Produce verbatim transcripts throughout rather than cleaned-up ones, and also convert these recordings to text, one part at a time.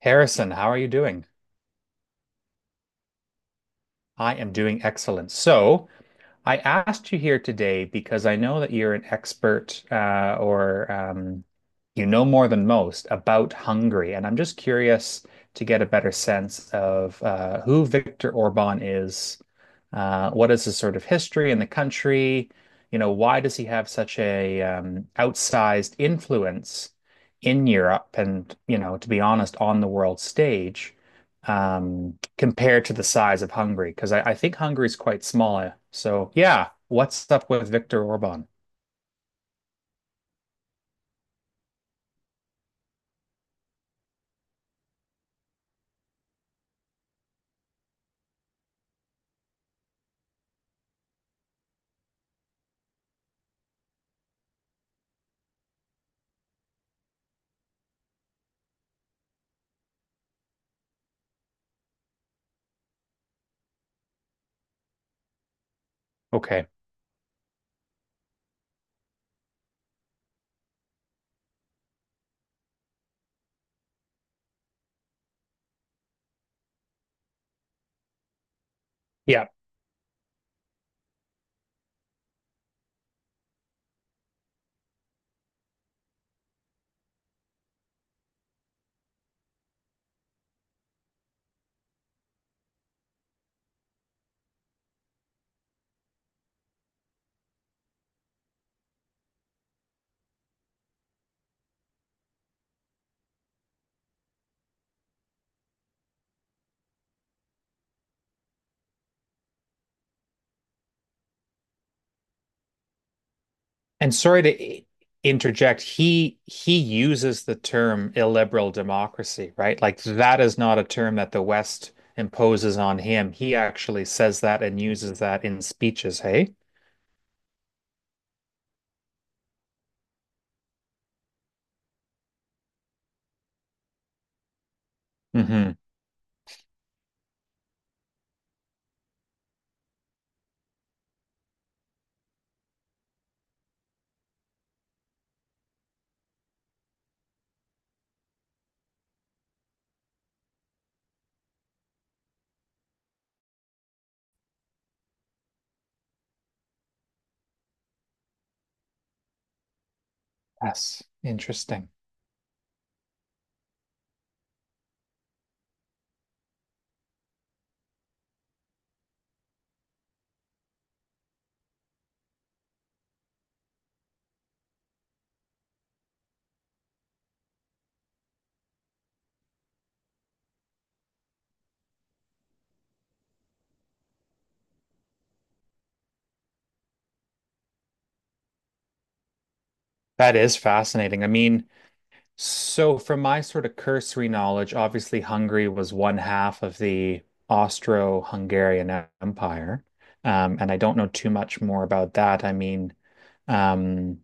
Harrison, how are you doing? I am doing excellent. So, I asked you here today because I know that you're an expert uh, or um, you know more than most about Hungary. And I'm just curious to get a better sense of uh, who Viktor Orban is, uh, what is his sort of history in the country, you know, why does he have such a um, outsized influence in Europe and, you know, to be honest, on the world stage? Um, compared to the size of Hungary? Because I, I think Hungary is quite small. So, yeah, what's up with Viktor Orban? Okay. Yeah. And sorry to interject, he he uses the term illiberal democracy, right? Like that is not a term that the West imposes on him. He actually says that and uses that in speeches, hey? Hmm. Yes, interesting. That is fascinating. I mean, so, from my sort of cursory knowledge, obviously Hungary was one half of the Austro-Hungarian Empire. Um, and I don't know too much more about that. I mean, um,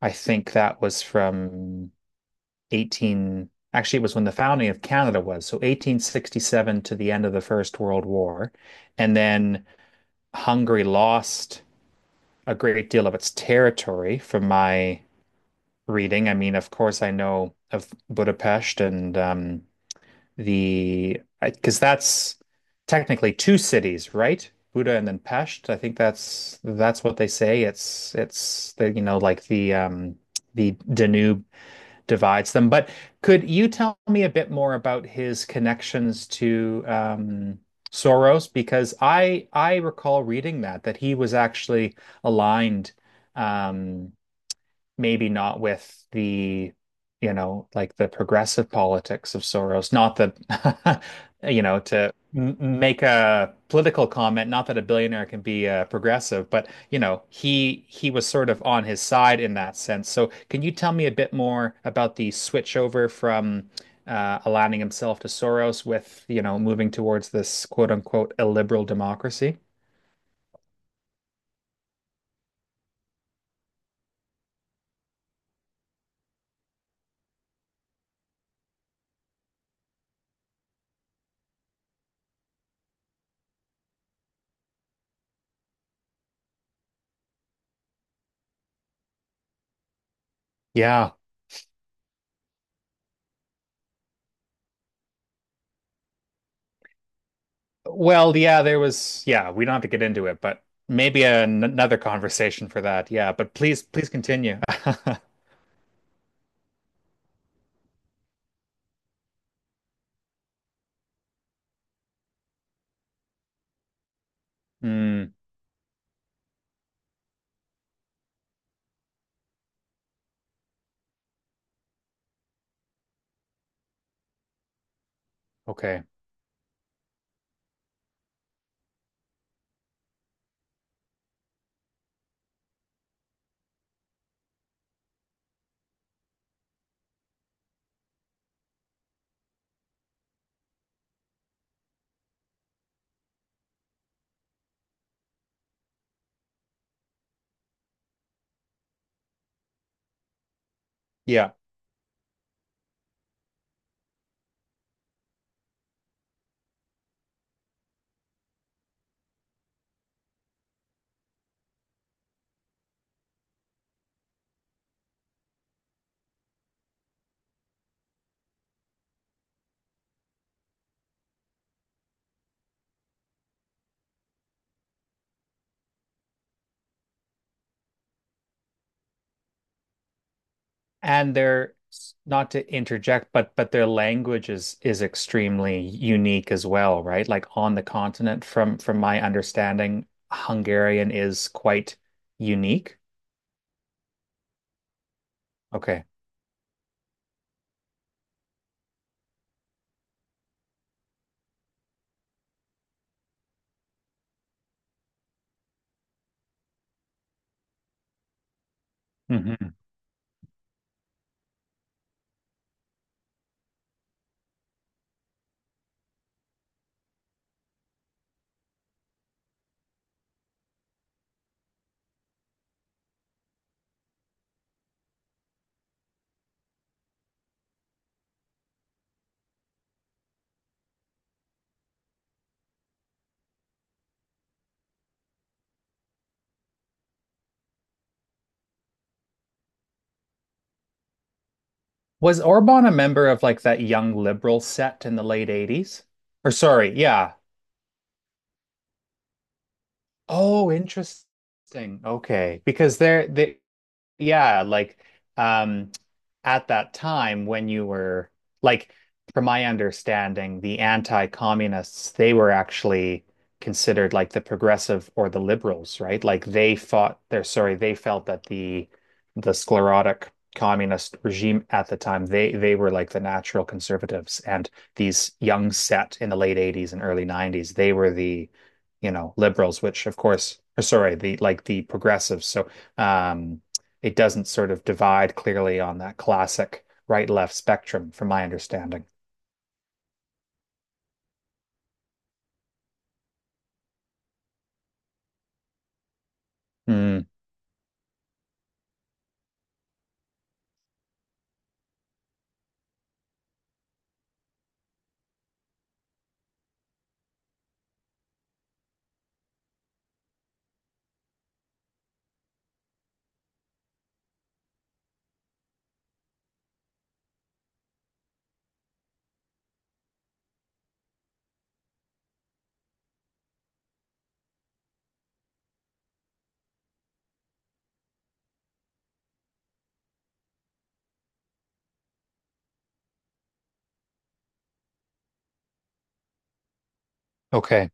I think that was from eighteen, actually, it was when the founding of Canada was. So, eighteen sixty-seven to the end of the First World War. And then Hungary lost a great deal of its territory from my reading. I mean, of course, I know of Budapest, and um, the, because that's technically two cities, right? Buda and then Pest. I think that's that's what they say. It's it's the you know like the um the Danube divides them. But could you tell me a bit more about his connections to um Soros? Because I I recall reading that that he was actually aligned, um maybe not with the, you know, like the progressive politics of Soros. Not that, you know, to m make a political comment, not that a billionaire can be uh, progressive, but you know, he he was sort of on his side in that sense. So can you tell me a bit more about the switch over from uh, aligning himself to Soros, with, you know, moving towards this quote unquote illiberal democracy? Yeah. Well, yeah, there was, yeah, we don't have to get into it, but maybe an another conversation for that. Yeah, but please, please continue. Hmm. Okay. Yeah. And their, not to interject, but but their language is is extremely unique as well, right? Like on the continent, from from my understanding, Hungarian is quite unique. Okay. Hmm. Was Orban a member of like that young liberal set in the late eighties? Or sorry, yeah, oh, interesting. Okay, because they're they yeah, like um at that time when you were like, from my understanding, the anti-communists, they were actually considered like the progressive or the liberals, right? Like they fought they're sorry, they felt that the the sclerotic communist regime at the time, they they were like the natural conservatives, and these young set in the late eighties and early nineties, they were the, you know, liberals, which of course, or sorry, the like the progressives. So um it doesn't sort of divide clearly on that classic right left spectrum, from my understanding. Mm, okay.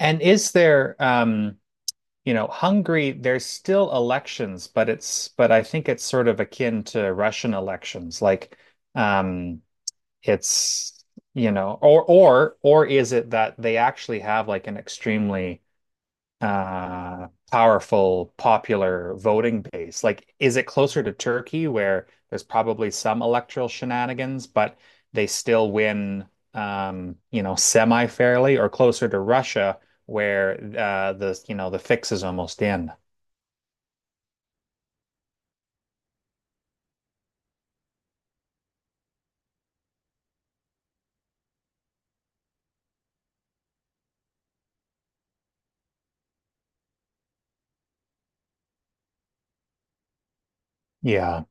And is there, um, you know, Hungary, there's still elections, but it's, but I think it's sort of akin to Russian elections. Like, um, it's, you know, or, or, or is it that they actually have like an extremely uh powerful popular voting base? Like, is it closer to Turkey, where there's probably some electoral shenanigans but they still win, um you know, semi fairly? Or closer to Russia, where uh the, you know, the fix is almost in? Yeah.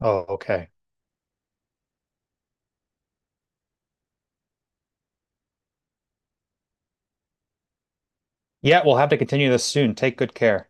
Oh, okay. Yeah, we'll have to continue this soon. Take good care.